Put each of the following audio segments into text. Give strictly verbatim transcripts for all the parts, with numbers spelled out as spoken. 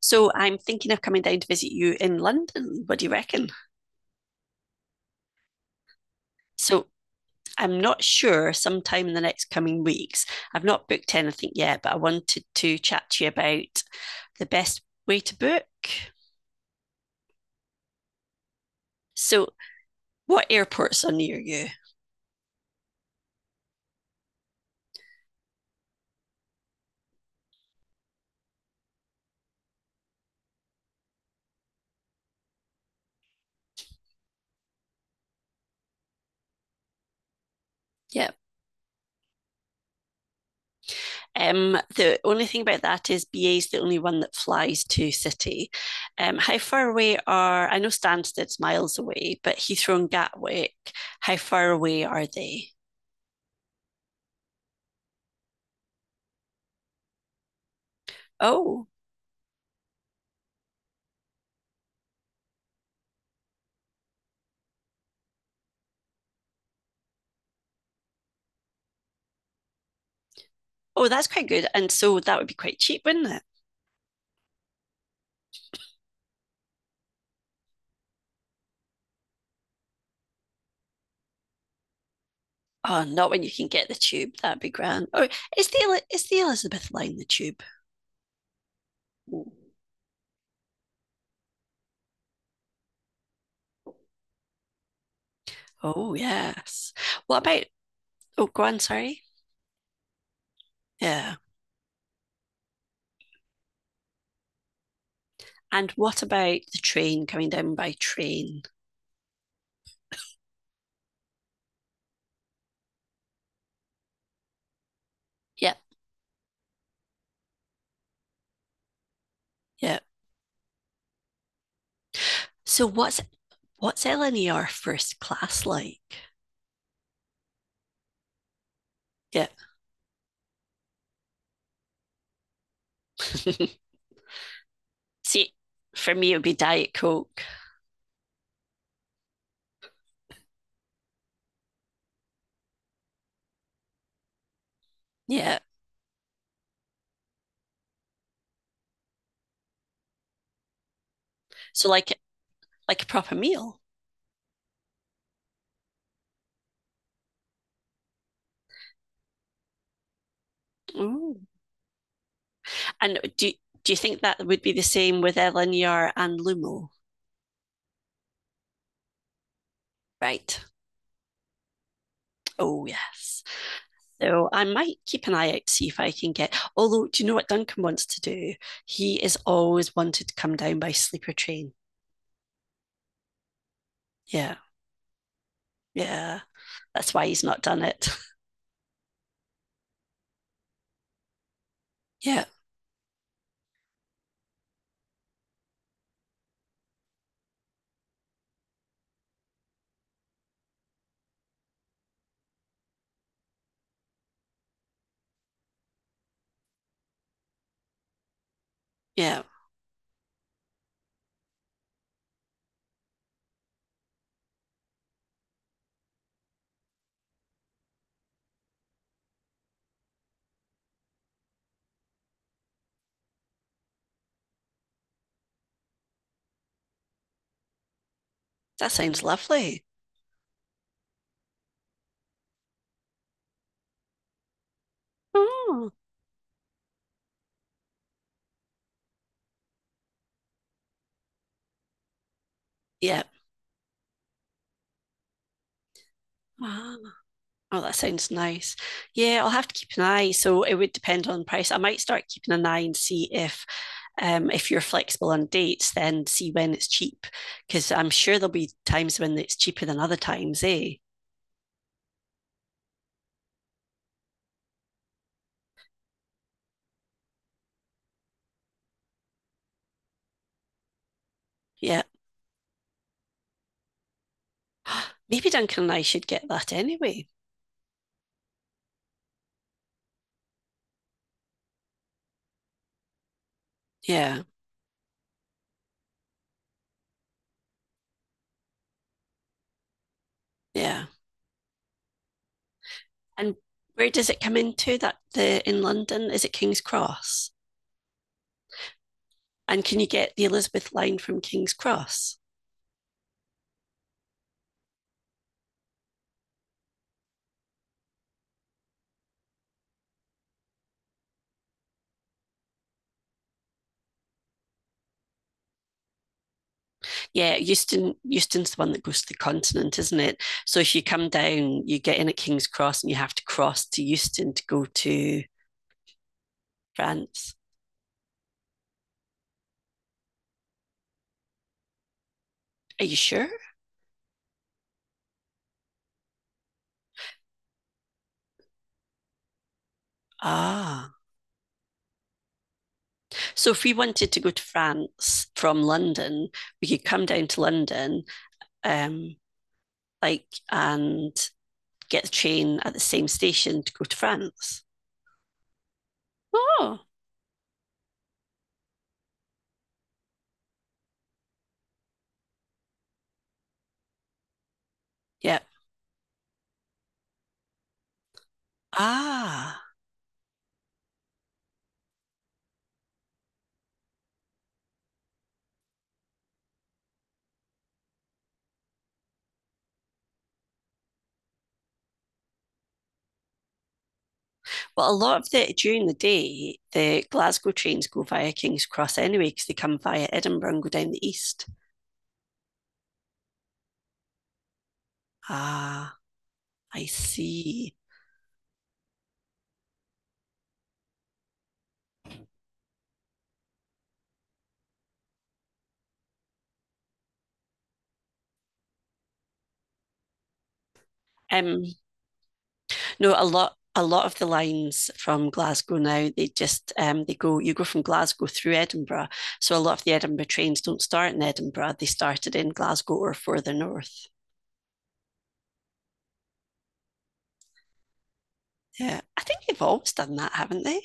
So I'm thinking of coming down to visit you in London. What do you reckon? So I'm not sure sometime in the next coming weeks. I've not booked anything yet, but I wanted to chat to you about the best way to book. So, what airports are near you? Yeah. Um, the only thing about that is B A is the only one that flies to City. Um, how far away are, I know Stansted's miles away, but Heathrow and Gatwick, how far away are they? Oh. Oh, that's quite good. And so that would be quite cheap, wouldn't it? Oh, not when you can get the tube. That'd be grand. Oh, is the is the Elizabeth line the tube? Ooh. Oh, yes. What about? Oh, go on. Sorry. Yeah. And what about the train coming down by train? Yeah, yeah. So what's what's L N E R first class like? Yeah. See, for me it would be Diet Coke. Yeah. So like like a proper meal. Ooh. And do do you think that would be the same with Elinear and Lumo? Right. Oh yes. So I might keep an eye out to see if I can get. Although, do you know what Duncan wants to do? He is always wanted to come down by sleeper train. Yeah, yeah. That's why he's not done it. Yeah, yeah. That sounds lovely. Oh, yeah. Ah. Oh, that sounds nice. Yeah, I'll have to keep an eye. So it would depend on price. I might start keeping an eye and see if um, if you're flexible on dates, then see when it's cheap, because I'm sure there'll be times when it's cheaper than other times, eh? Yeah. Maybe Duncan and I should get that anyway. Yeah, yeah. And where does it come into that the in London? Is it King's Cross? And can you get the Elizabeth line from King's Cross? Yeah, Euston Euston's the one that goes to the continent, isn't it? So if you come down, you get in at King's Cross and you have to cross to Euston to go to France. Are you sure? Ah. So if we wanted to go to France from London, we could come down to London, um, like and get the train at the same station to go to France. Oh. Yeah. Ah. Well, a lot of the during the day, the Glasgow trains go via King's Cross anyway, because they come via Edinburgh and go down the east. Ah, I see. Um, No, a lot a lot of the lines from Glasgow now, they just um, they go you go from Glasgow through Edinburgh. So a lot of the Edinburgh trains don't start in Edinburgh. They started in Glasgow or further north. Yeah. I think they've always done that, haven't they?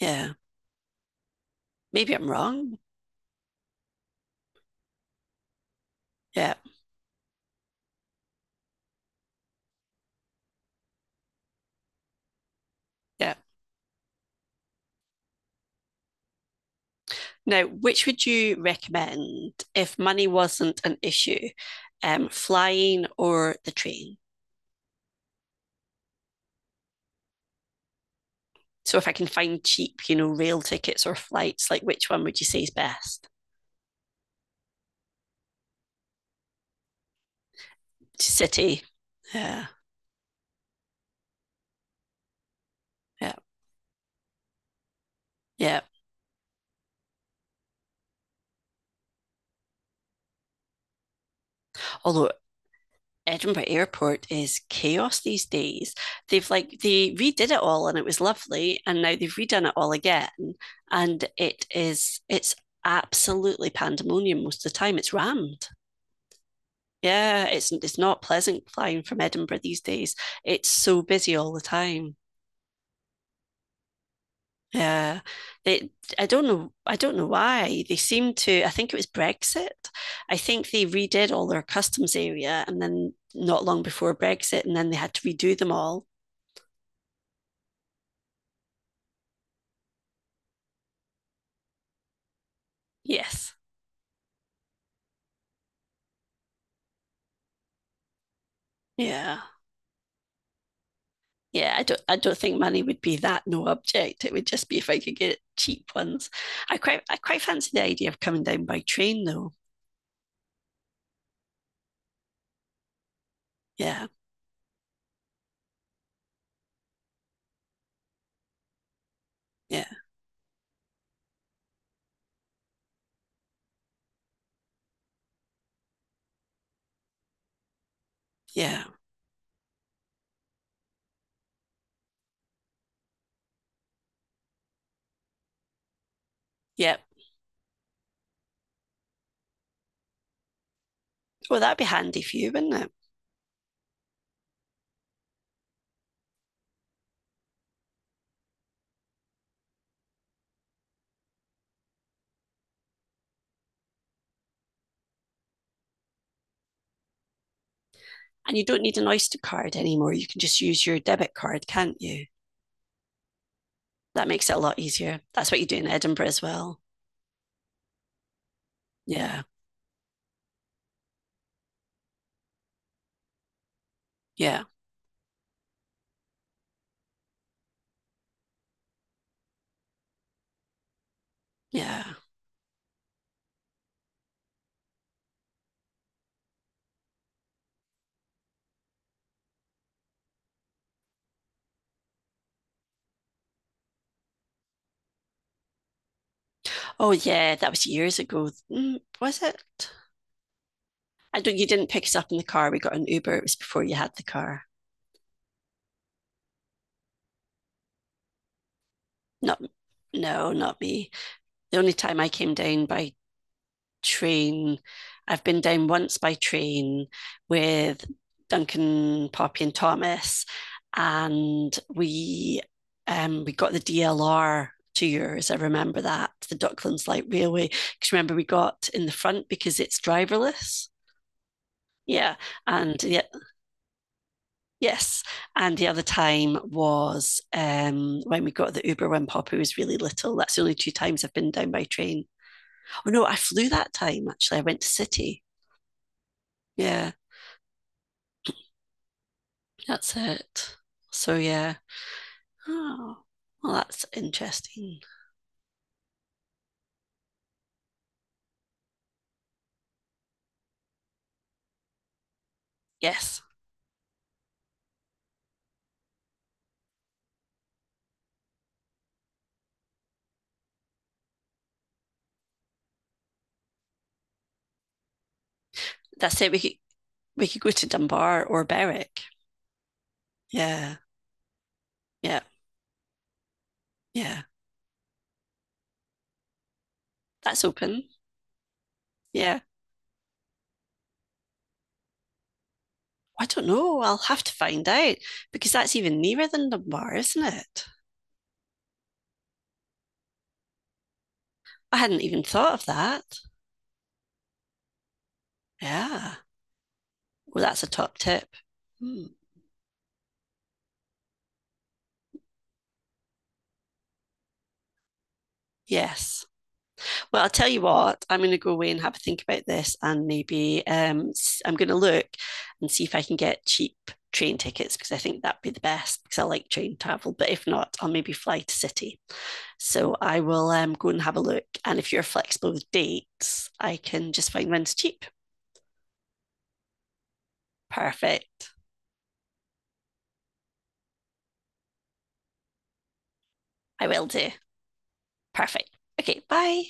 Yeah. Maybe I'm wrong. Yeah. Yeah. Now, which would you recommend if money wasn't an issue? Um, flying or the train? So if I can find cheap, you know, rail tickets or flights, like which one would you say is best? City. Yeah. Yeah, yeah. Although Edinburgh Airport is chaos these days. They've like they redid it all and it was lovely, and now they've redone it all again, and it is it's absolutely pandemonium most of the time. It's rammed. Yeah, it's it's not pleasant flying from Edinburgh these days. It's so busy all the time. Yeah, they, I don't know. I don't know why they seem to. I think it was Brexit. I think they redid all their customs area, and then not long before Brexit, and then they had to redo them all. Yes. Yeah. Yeah. I don't. I don't think money would be that no object. It would just be if I could get cheap ones. I quite. I quite fancy the idea of coming down by train, though. Yeah. Yeah. Yeah. Yeah. Well, that'd be handy for you, wouldn't it? And you don't need an Oyster card anymore. You can just use your debit card, can't you? That makes it a lot easier. That's what you do in Edinburgh as well. Yeah. Yeah. Yeah. Oh, yeah. That was years ago. Mm, was it? I don't, you didn't pick us up in the car. We got an Uber. It was before you had the car. Not, no, not me. The only time I came down by train. I've been down once by train with Duncan, Poppy, and Thomas, and we um, we got the D L R two years. I remember that the Docklands Light Railway. Because remember, we got in the front because it's driverless. Yeah, and yeah, yes, and the other time was um, when we got the Uber when Poppy was really little. That's the only two times I've been down by train. Oh no, I flew that time actually. I went to City. Yeah. That's it. So yeah. Oh, well, that's interesting. Yes, that's it. We could we could go to Dunbar or Berwick. Yeah, yeah, yeah. That's open. Yeah. I don't know. I'll have to find out because that's even nearer than Dunbar, isn't it? I hadn't even thought of that. Yeah. Well, that's a top tip. Hmm. Yes. Well, I'll tell you what, I'm going to go away and have a think about this, and maybe um, s- I'm going to look and see if I can get cheap train tickets because I think that'd be the best because I like train travel. But if not, I'll maybe fly to city. So I will um, go and have a look. And if you're flexible with dates, I can just find one's cheap. Perfect. I will do. Perfect. Okay, bye.